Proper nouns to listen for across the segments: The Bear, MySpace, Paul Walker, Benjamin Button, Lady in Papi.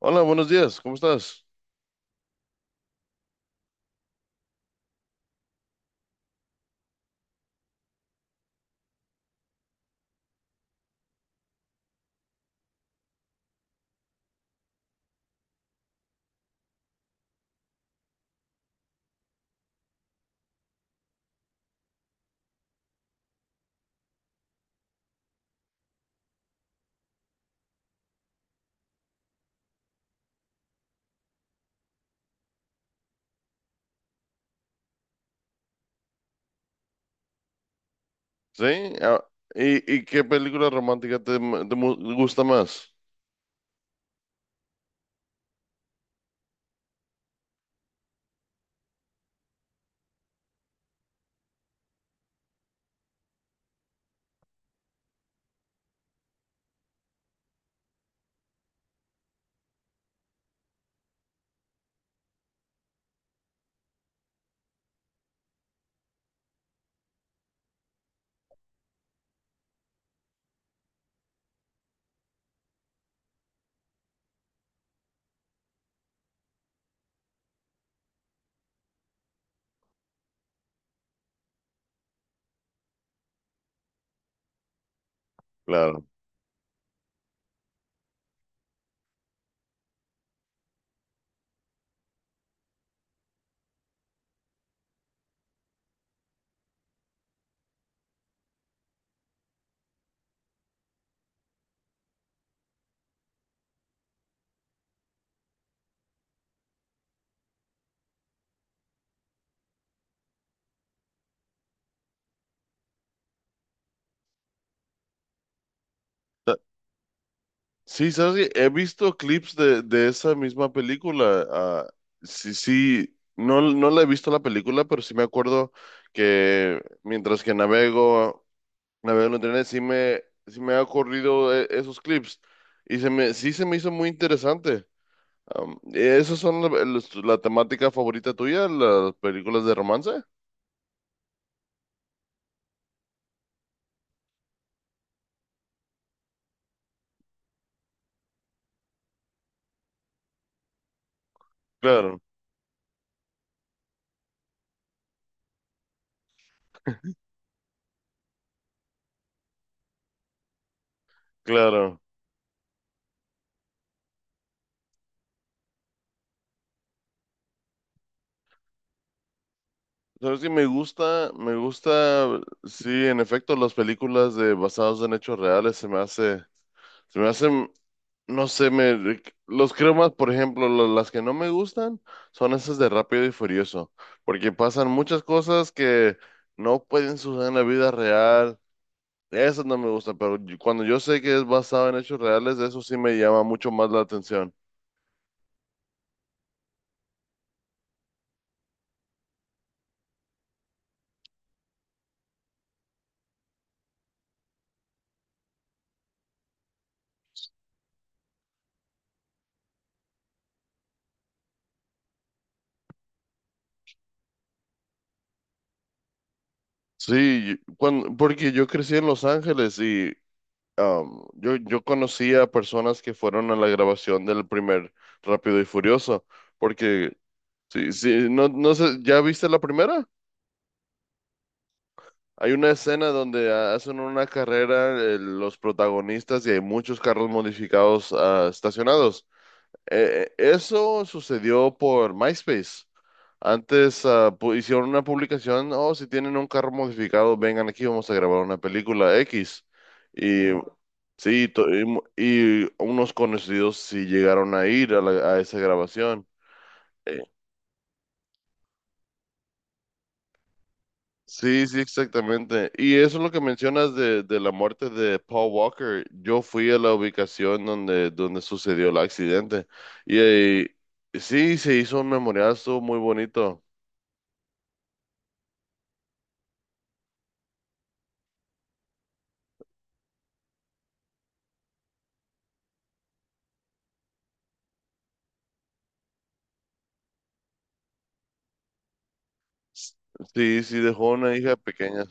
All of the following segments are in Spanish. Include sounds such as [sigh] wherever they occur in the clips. Hola, buenos días, ¿cómo estás? ¿Sí? ah, ¿Y qué película romántica te gusta más? Claro. Ta- Sí, ¿sabes qué? He visto clips de esa misma película. Sí, sí, no, no la he visto la película, pero sí me acuerdo que navego en internet, sí me ha ocurrido esos clips. Sí se me hizo muy interesante. ¿Esas son la temática favorita tuya, las películas de romance? Claro. Claro. Sabes que me gusta, sí, en efecto, las películas de basadas en hechos reales se me hacen, no sé, me los creo más. Por ejemplo, las que no me gustan son esas de Rápido y Furioso, porque pasan muchas cosas que no pueden suceder en la vida real. Esas no me gustan, pero cuando yo sé que es basado en hechos reales, eso sí me llama mucho más la atención. Sí, porque yo crecí en Los Ángeles y yo conocí a personas que fueron a la grabación del primer Rápido y Furioso, porque sí, sí, no, no sé, ¿ya viste la primera? Hay una escena donde hacen una carrera, los protagonistas, y hay muchos carros modificados estacionados. Eso sucedió por MySpace. Antes hicieron una publicación: oh, si tienen un carro modificado, vengan aquí, vamos a grabar una película X. Y sí, y unos conocidos sí llegaron a ir a a esa grabación. Eh, Sí, sí, exactamente. Y eso es lo que mencionas de la muerte de Paul Walker. Yo fui a la ubicación donde sucedió el accidente. Y, sí, se hizo un memorial, estuvo muy bonito. Sí, sí, dejó una hija pequeña.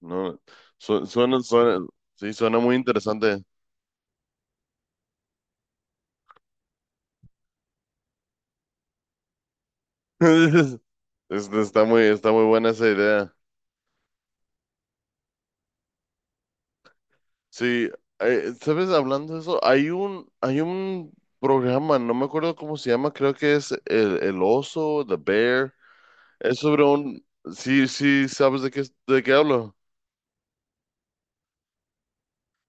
No, suena, suena, sí, suena muy interesante. [laughs] Está muy buena esa idea. Sí, ¿sabes? Hablando de eso, hay un programa, no me acuerdo cómo se llama, creo que es El Oso, The Bear. Es sobre un... Sí, sí, ¿sabes de qué hablo?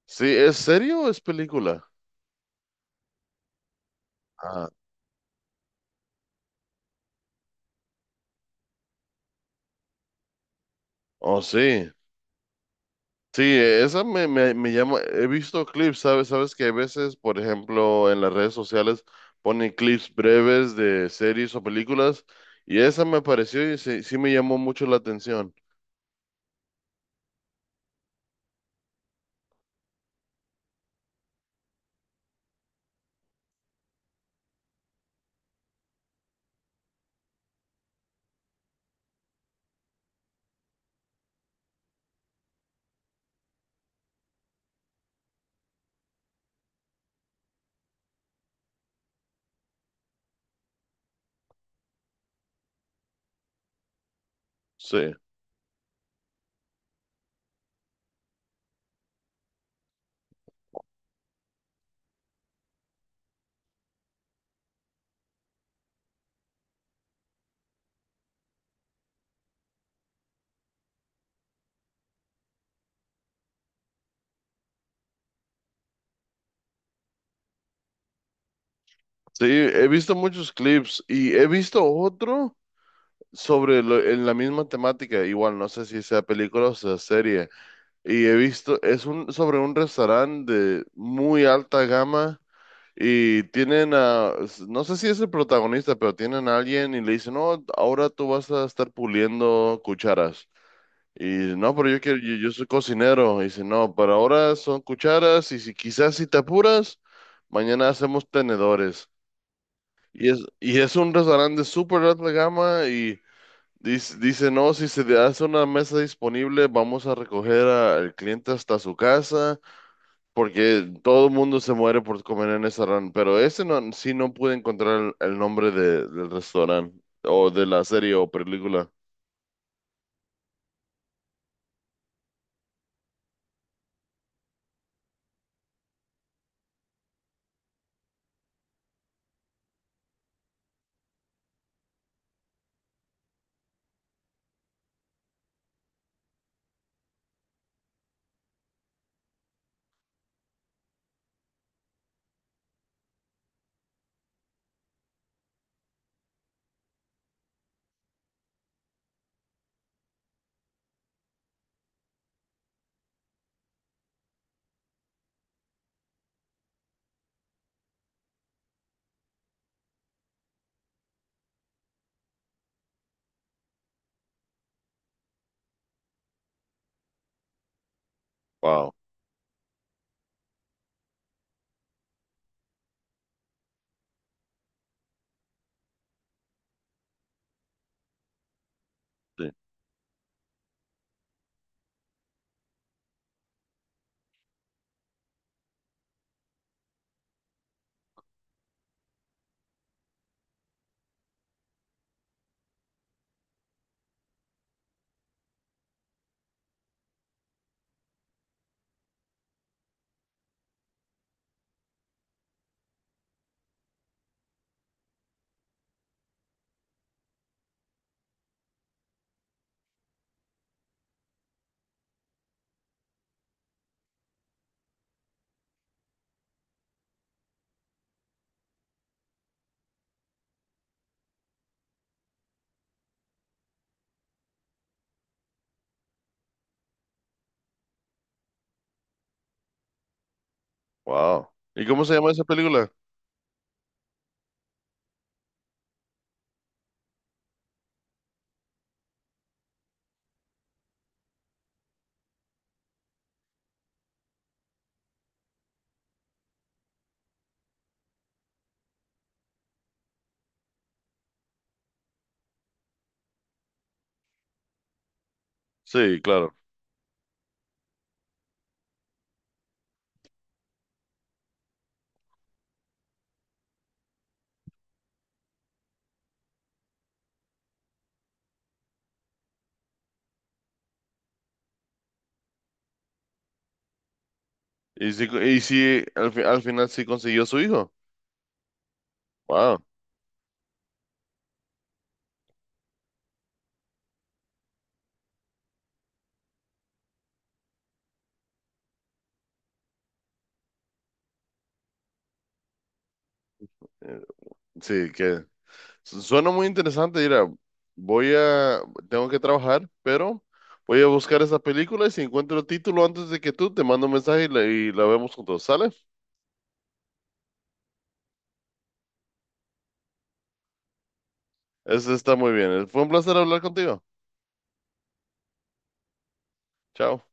Sí, ¿es serio o es película? Ah, oh, sí. Sí, esa me llama, he visto clips, ¿sabes? Sabes que a veces, por ejemplo, en las redes sociales ponen clips breves de series o películas y esa me pareció y sí, sí me llamó mucho la atención. Sí. Sí, he visto muchos clips y he visto otro sobre en la misma temática, igual no sé si sea película o sea serie, y he visto, es un, sobre un restaurante de muy alta gama y tienen a, no sé si es el protagonista, pero tienen a alguien y le dicen: no, ahora tú vas a estar puliendo cucharas. Y no, pero yo quiero, yo soy cocinero. Y dice: no, pero ahora son cucharas y quizás si te apuras, mañana hacemos tenedores. Y es un restaurante súper alta gama y dice: no, si se le hace una mesa disponible, vamos a recoger al cliente hasta su casa, porque todo el mundo se muere por comer en ese restaurante. Pero ese no, sí no pude encontrar el nombre del restaurante o de la serie o película. Wow, sí, wow. ¿Y cómo se llama esa película? Sí, claro. Y si al final sí consiguió su hijo. Wow. Sí, que suena muy interesante. Mira, voy a, tengo que trabajar, pero voy a buscar esa película y si encuentro el título antes de que tú, te mando un mensaje y y la vemos juntos, ¿sale? Eso está muy bien. Fue un placer hablar contigo. Chao.